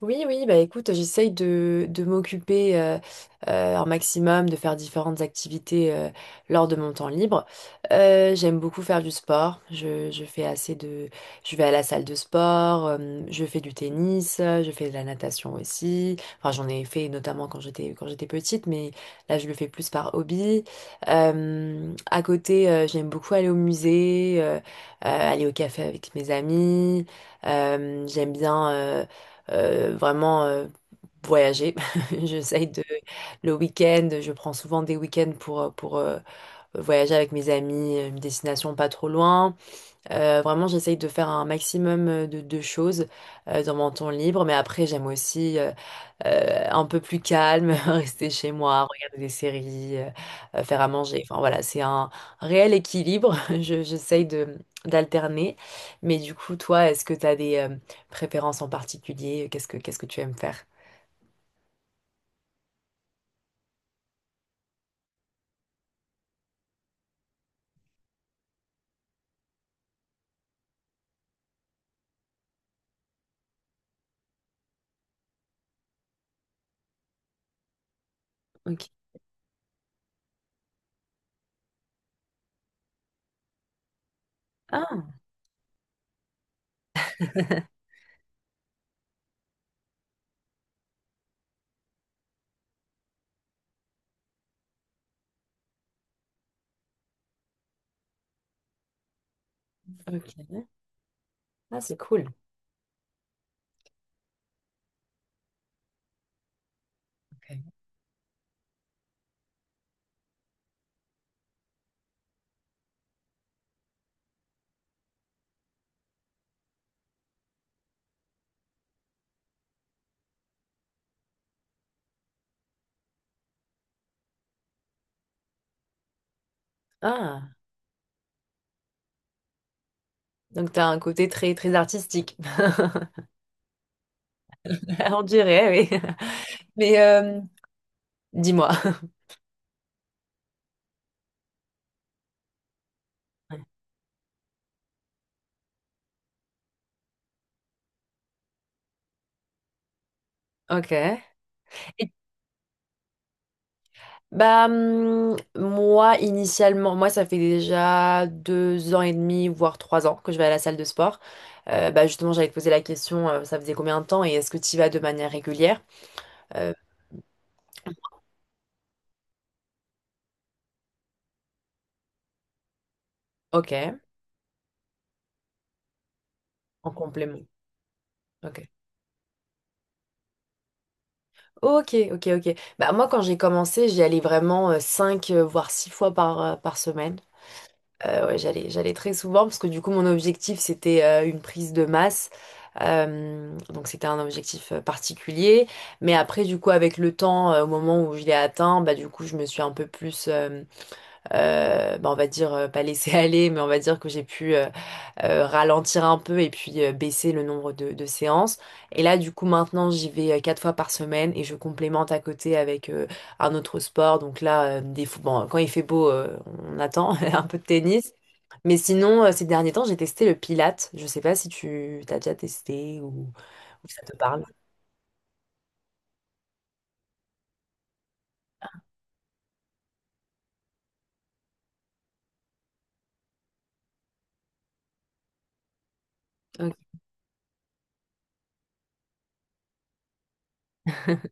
Oui, oui, bah écoute, j'essaye de m'occuper un maximum, de faire différentes activités lors de mon temps libre. J'aime beaucoup faire du sport. Je fais assez je vais à la salle de sport, je fais du tennis, je fais de la natation aussi. Enfin, j'en ai fait notamment quand j'étais petite, mais là je le fais plus par hobby. À côté, j'aime beaucoup aller au musée, aller au café avec mes amis. J'aime bien. Vraiment voyager. J'essaye de le week-end, je prends souvent des week-ends pour voyager avec mes amis, une destination pas trop loin. Vraiment, j'essaye de faire un maximum de choses dans mon temps libre, mais après, j'aime aussi un peu plus calme, rester chez moi, regarder des séries, faire à manger. Enfin voilà, c'est un réel équilibre. J'essaye de d'alterner. Mais du coup, toi, est-ce que tu as des préférences en particulier? Qu'est-ce que tu aimes faire? Ok. Ah, ok. Ah, c'est cool. Ok. Ah, donc tu as un côté très très artistique. On dirait, oui. Mais dis-moi. Ouais. Ok. Et Bah, moi, initialement, moi, ça fait déjà 2 ans et demi, voire 3 ans que je vais à la salle de sport. Bah, justement, j'allais te poser la question, ça faisait combien de temps et est-ce que tu y vas de manière régulière? Euh, ok, en complément. Ok. Ok, ok, ok. Bah, moi, quand j'ai commencé, j'y allais vraiment 5, voire 6 fois par, par semaine. Ouais, j'allais très souvent parce que du coup, mon objectif, c'était une prise de masse. Donc, c'était un objectif particulier. Mais après, du coup, avec le temps, au moment où je l'ai atteint, bah, du coup, je me suis un peu plus, bah, on va dire pas laisser aller, mais on va dire que j'ai pu ralentir un peu et puis baisser le nombre de séances. Et là, du coup, maintenant, j'y vais 4 fois par semaine et je complémente à côté avec un autre sport. Donc là, quand il fait beau, on attend un peu de tennis. Mais sinon, ces derniers temps, j'ai testé le Pilates. Je sais pas si tu t'as déjà testé ou ça te parle. Ok.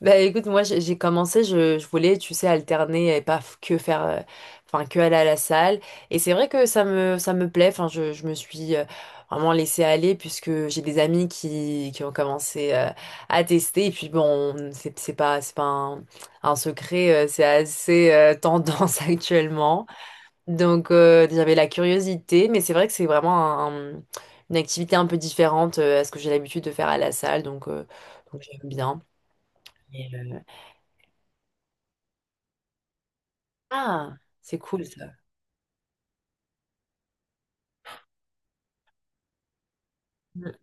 Bah écoute, moi j'ai commencé, je voulais, tu sais, alterner et pas que faire, enfin que aller à la salle. Et c'est vrai que ça me plaît, enfin je me suis vraiment laissée aller puisque j'ai des amis qui ont commencé à tester. Et puis bon, c'est pas un secret, c'est assez tendance actuellement. Donc j'avais la curiosité, mais c'est vrai que c'est vraiment un- un- une activité un peu différente à ce que j'ai l'habitude de faire à la salle. Donc j'aime bien. Et, Ah, c'est cool ça. Mm.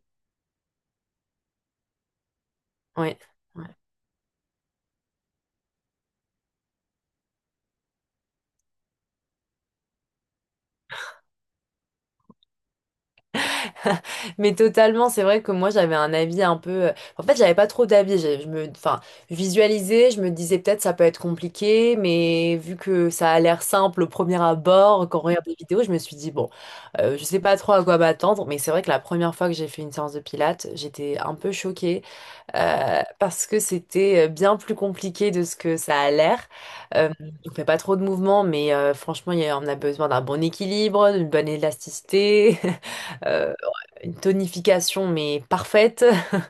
Ouais. Ouais. Mais totalement, c'est vrai que moi j'avais un avis un peu. En fait, j'avais pas trop d'avis. Enfin, visualisais, je me disais peut-être ça peut être compliqué, mais vu que ça a l'air simple au premier abord, quand on regarde des vidéos, je me suis dit bon, je sais pas trop à quoi m'attendre. Mais c'est vrai que la première fois que j'ai fait une séance de pilates, j'étais un peu choquée parce que c'était bien plus compliqué de ce que ça a l'air. Euh, on fait pas trop de mouvements, mais franchement, on a besoin d'un bon équilibre, d'une bonne élasticité, ouais, une tonification mais parfaite.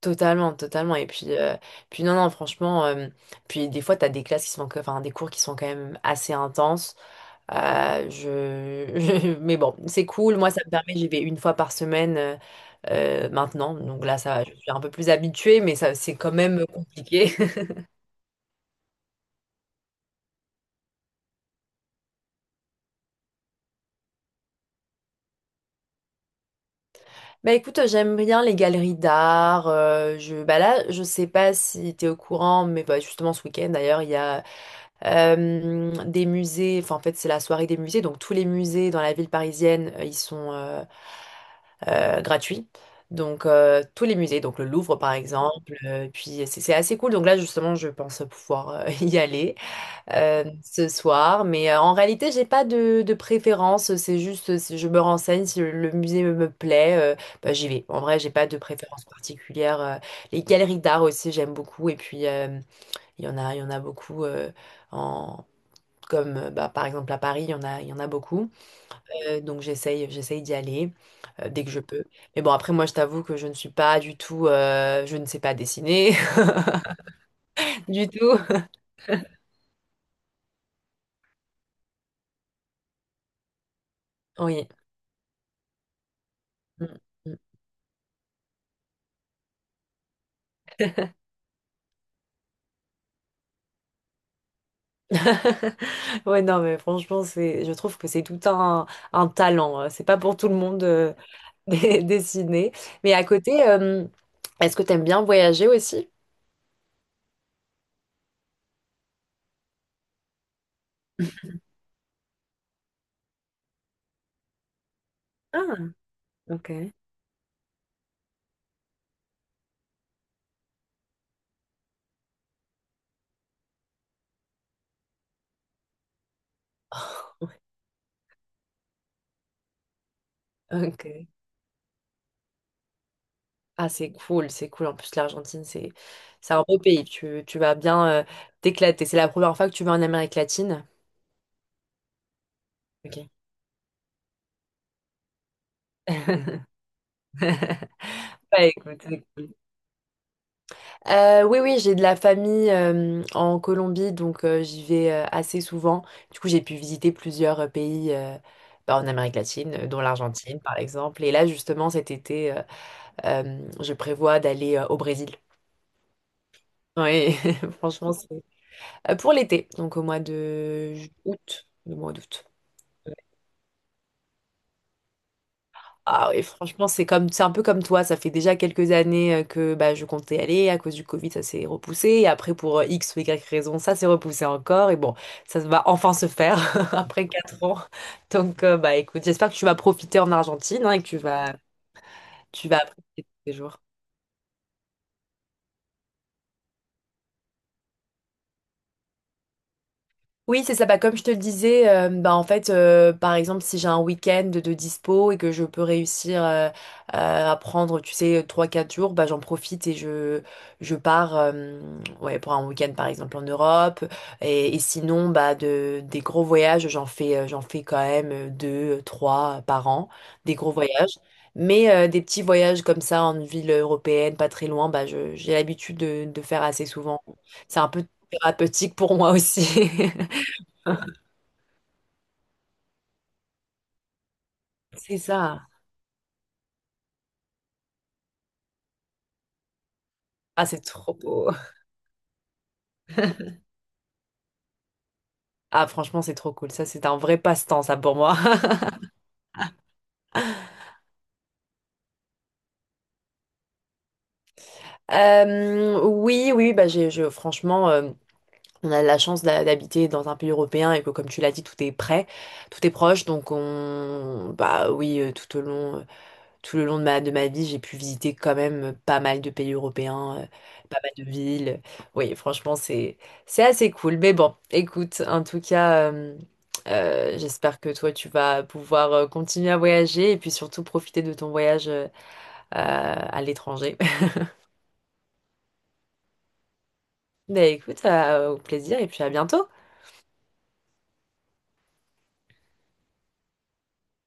Totalement, totalement. Et puis, puis non, non, franchement, puis des fois, tu as des classes qui sont, que- enfin, des cours qui sont quand même assez intenses. Mais bon, c'est cool. Moi, ça me permet, j'y vais une fois par semaine maintenant. Donc là, ça, je suis un peu plus habituée, mais ça, c'est quand même compliqué. Bah écoute, j'aime bien les galeries d'art. Bah là, je sais pas si tu es au courant, mais bah, justement, ce week-end, d'ailleurs, il y a des musées. Enfin, en fait, c'est la soirée des musées. Donc, tous les musées dans la ville parisienne, ils sont, gratuit. Donc, tous les musées, donc le Louvre par exemple, puis c'est assez cool. Donc là, justement, je pense pouvoir y aller ce soir. Mais en réalité, j'ai pas de préférence. C'est juste, si je me renseigne, si le musée me plaît, bah, j'y vais. En vrai, j'ai pas de préférence particulière. Les galeries d'art aussi, j'aime beaucoup. Et puis, il y en a beaucoup en... Comme bah, par exemple à Paris, il y en a beaucoup. Donc j'essaye d'y aller dès que je peux. Mais bon, après, moi, je t'avoue que je ne suis pas du tout, je ne sais pas dessiner du tout. Oui. Mm, mm. Ouais, non, mais franchement, c'est, je trouve que c'est tout un talent. C'est pas pour tout le monde de dessiner. Mais à côté, est-ce que t'aimes bien voyager aussi? Ah, ok. Ok. Ah, c'est cool, c'est cool. En plus, l'Argentine, c'est un beau pays. Tu vas bien t'éclater. C'est la première fois que tu vas en Amérique latine. Ok. Bah, écoute, c'est cool. Oui, oui, j'ai de la famille en Colombie, donc j'y vais assez souvent. Du coup, j'ai pu visiter plusieurs pays bah, en Amérique latine, dont l'Argentine, par exemple. Et là, justement, cet été, je prévois d'aller au Brésil. Oui, franchement, c'est pour l'été, donc au mois de août, le mois d'août. Ah oui, franchement, c'est comme, c'est un peu comme toi. Ça fait déjà quelques années que bah, je comptais aller. À cause du Covid, ça s'est repoussé. Et après, pour X ou Y raison, ça s'est repoussé encore. Et bon, ça va enfin se faire après 4 ans. Donc, bah écoute, j'espère que tu vas profiter en Argentine hein, et que tu vas apprécier tous ces jours. Oui, c'est ça. Bah, comme je te le disais, bah, en fait, par exemple, si j'ai un week-end de dispo et que je peux réussir à prendre, tu sais, trois quatre jours, bah, j'en profite et je pars ouais, pour un week-end, par exemple, en Europe. Et sinon, bah, des gros voyages, j'en fais quand même 2 3 par an, des gros voyages. Mais des petits voyages comme ça en ville européenne, pas très loin, bah, j'ai l'habitude de faire assez souvent. C'est un peu thérapeutique pour moi aussi. C'est ça. Ah, c'est trop beau. Ah, franchement, c'est trop cool. Ça, c'est un vrai passe-temps, ça, pour moi. Oui, oui, bah, franchement, on a la chance d'habiter dans un pays européen et que, comme tu l'as dit, tout est prêt, tout est proche. Donc, on, bah oui, tout au long. Tout le long de ma vie, j'ai pu visiter quand même pas mal de pays européens, pas mal de villes. Oui, franchement, c'est assez cool. Mais bon, écoute, en tout cas, j'espère que toi, tu vas pouvoir continuer à voyager et puis surtout profiter de ton voyage à l'étranger. Ben écoute, au plaisir et puis à bientôt.